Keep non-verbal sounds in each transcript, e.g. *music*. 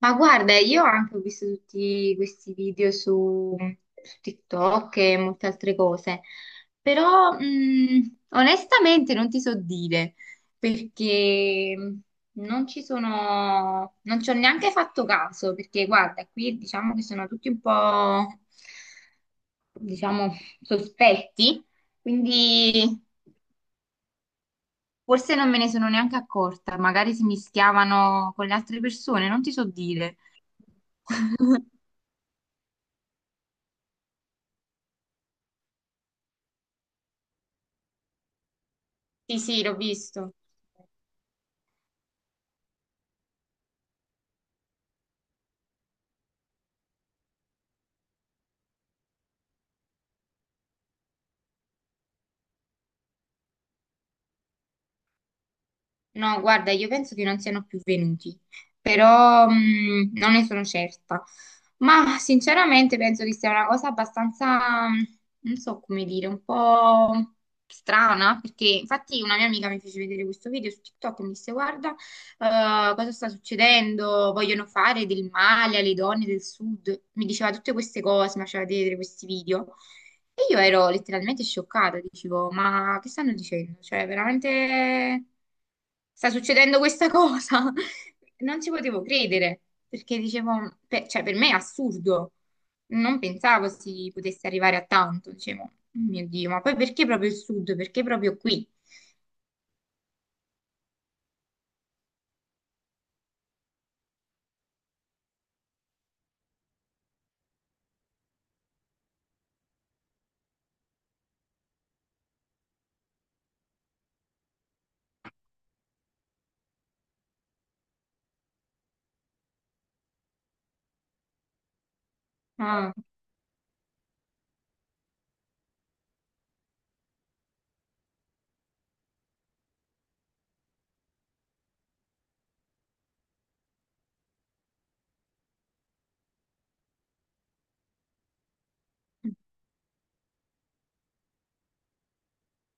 Ma guarda, io anche ho visto tutti questi video su TikTok e molte altre cose, però onestamente non ti so dire perché non ci ho neanche fatto caso, perché guarda, qui diciamo che sono tutti un po', diciamo, sospetti, quindi forse non me ne sono neanche accorta, magari si mischiavano con le altre persone, non ti so dire. *laughs* Sì, sì, l'ho visto. No, guarda, io penso che non siano più venuti, però non ne sono certa. Ma sinceramente penso che sia una cosa abbastanza, non so come dire, un po' strana, perché infatti una mia amica mi fece vedere questo video su TikTok e mi disse, guarda, cosa sta succedendo? Vogliono fare del male alle donne del sud. Mi diceva tutte queste cose, mi faceva vedere questi video. E io ero letteralmente scioccata, dicevo, ma che stanno dicendo? Cioè, veramente sta succedendo questa cosa? *laughs* Non ci potevo credere, perché dicevo, cioè, per me è assurdo. Non pensavo si potesse arrivare a tanto, dicevo, "Oh mio Dio, ma poi perché proprio il sud? Perché proprio qui? Ah.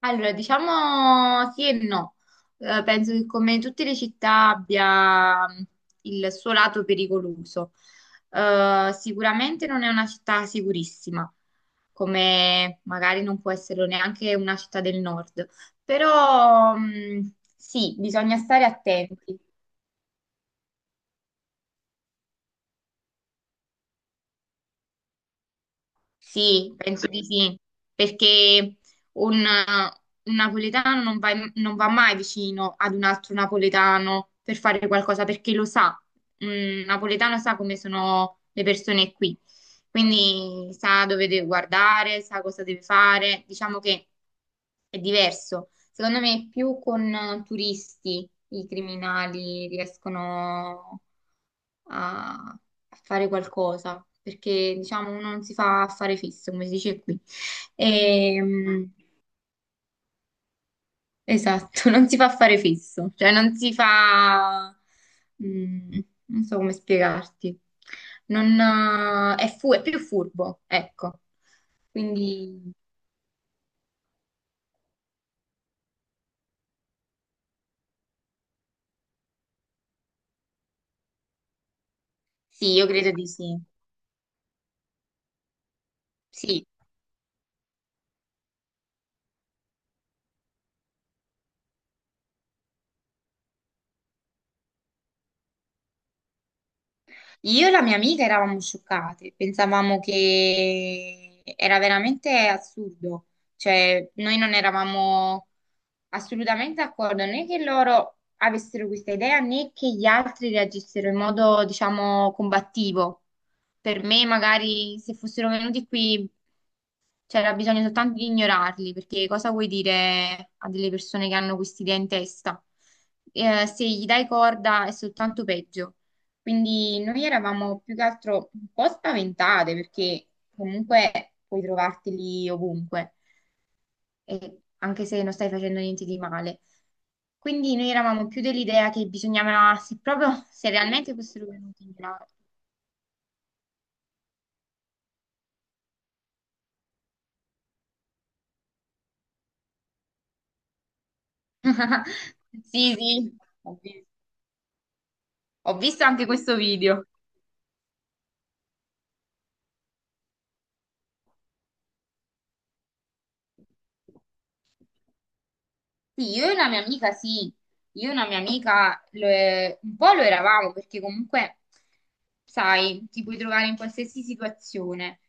Allora, diciamo sì e no. Penso che come tutte le città abbia il suo lato pericoloso. Sicuramente non è una città sicurissima, come magari non può esserlo neanche una città del nord, però sì, bisogna stare attenti. Sì, sì, penso di sì, perché un, un napoletano non va mai vicino ad un altro napoletano per fare qualcosa, perché lo sa, un napoletano sa come sono le persone qui, quindi sa dove deve guardare, sa cosa deve fare, diciamo che è diverso. Secondo me più con turisti i criminali riescono a, a fare qualcosa, perché diciamo uno non si fa affare fisso, come si dice qui. Ehm, esatto, *laughs* non si fa affare fisso, cioè non si fa... mm, non so come spiegarti. Non, è, fu- è più furbo, ecco. Quindi sì, io credo di sì. Sì. Io e la mia amica eravamo scioccate, pensavamo che era veramente assurdo, cioè noi non eravamo assolutamente d'accordo né che loro avessero questa idea né che gli altri reagissero in modo, diciamo, combattivo. Per me, magari se fossero venuti qui c'era bisogno soltanto di ignorarli, perché cosa vuoi dire a delle persone che hanno quest'idea in testa? Se gli dai corda è soltanto peggio. Quindi noi eravamo più che altro un po' spaventate, perché comunque puoi trovarti lì ovunque, e anche se non stai facendo niente di male. Quindi noi eravamo più dell'idea che bisognava, se proprio, se realmente fossero venuti in grado. *laughs* Sì, sì, ho visto ho visto anche questo video. Sì, io e una mia amica sì, io e una mia amica lo è- un po' lo eravamo perché comunque, sai, ti puoi trovare in qualsiasi situazione.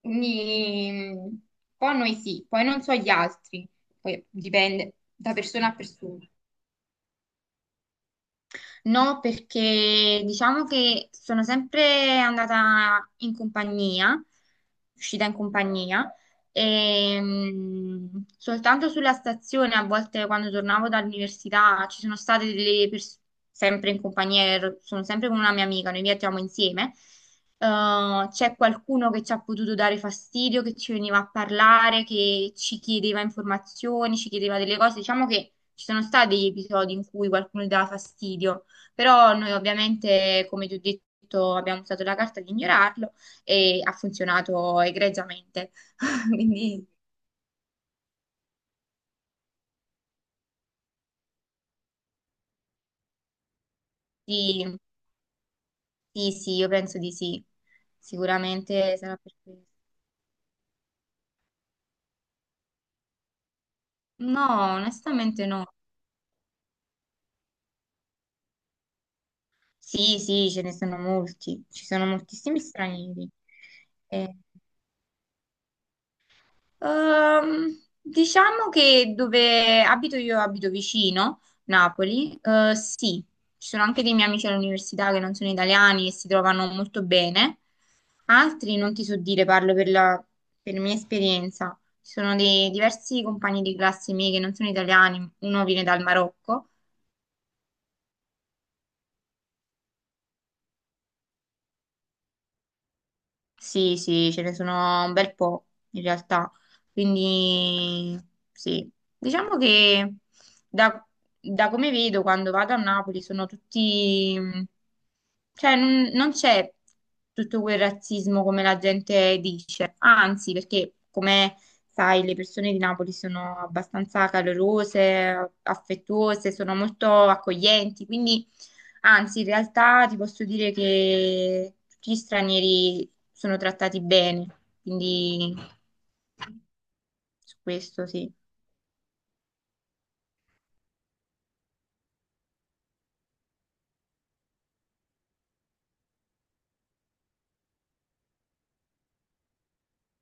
Quindi, un po' noi sì, poi non so gli altri, poi dipende da persona a persona. No, perché diciamo che sono sempre andata in compagnia, uscita in compagnia, e soltanto sulla stazione, a volte quando tornavo dall'università, ci sono state delle persone sempre in compagnia, sono sempre con una mia amica, noi viaggiamo insieme. C'è qualcuno che ci ha potuto dare fastidio, che ci veniva a parlare, che ci chiedeva informazioni, ci chiedeva delle cose. Diciamo che ci sono stati degli episodi in cui qualcuno gli dava fastidio. Però noi ovviamente, come ti ho detto, abbiamo usato la carta di ignorarlo e ha funzionato egregiamente. *laughs* Quindi sì, sì, sì, io penso di sì. Sicuramente sarà per questo. No, onestamente no. Sì, sì, ce ne sono molti. Ci sono moltissimi stranieri. Eh, Ehm, diciamo che dove abito io, abito vicino, Napoli, eh, sì, ci sono anche dei miei amici all'università che non sono italiani e si trovano molto bene, altri non ti so dire, parlo per mia esperienza, ci sono dei diversi compagni di classe miei che non sono italiani, uno viene dal Marocco. Sì, sì, ce ne sono un bel po' in realtà. Quindi sì, diciamo che da, da come vedo quando vado a Napoli sono tutti, cioè non c'è tutto quel razzismo come la gente dice, anzi, perché come sai, le persone di Napoli sono abbastanza calorose, affettuose, sono molto accoglienti, quindi anzi, in realtà ti posso dire che tutti gli stranieri sono trattati bene, quindi su questo sì.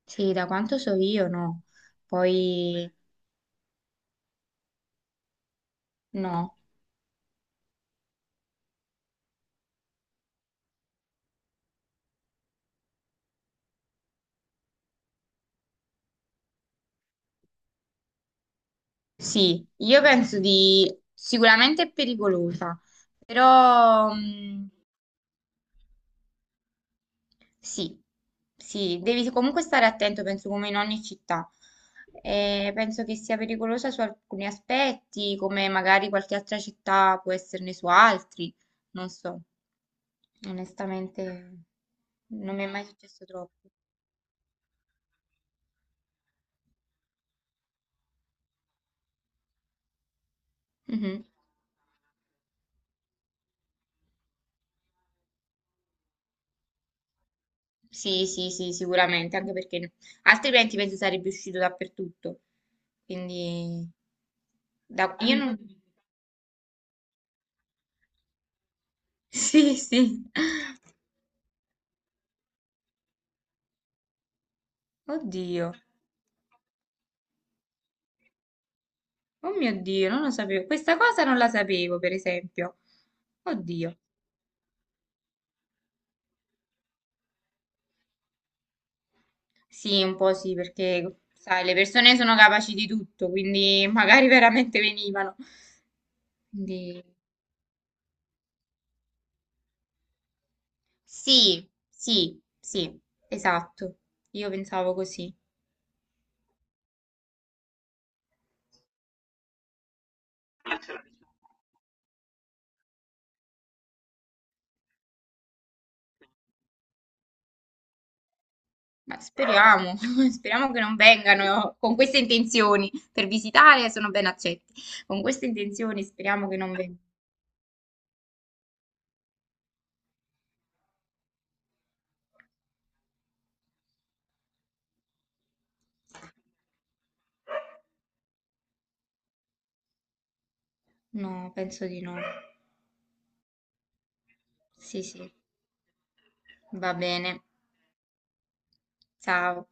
Sì, da quanto so io no. Poi no. Sì, io penso di sicuramente è pericolosa, però sì, sì, devi comunque stare attento, penso come in ogni città. Penso che sia pericolosa su alcuni aspetti, come magari qualche altra città può esserne su altri, non so. Onestamente non mi è mai successo troppo. Mhm. Sì, sì, sì, sicuramente, anche perché altrimenti penso sarebbe uscito dappertutto. Quindi io non... *laughs* Sì, sì. Oddio. Oh mio Dio, non lo sapevo. Questa cosa non la sapevo, per esempio. Oddio. Sì, un po' sì, perché, sai, le persone sono capaci di tutto, quindi *laughs* magari veramente venivano. Quindi... Sì, sì, sì, esatto. Io pensavo così. Ma speriamo, *laughs* speriamo che non vengano con queste intenzioni. Per visitare sono ben accetti. Con queste intenzioni speriamo che non vengano. No, penso di no. Sì, sì, va bene. Ciao.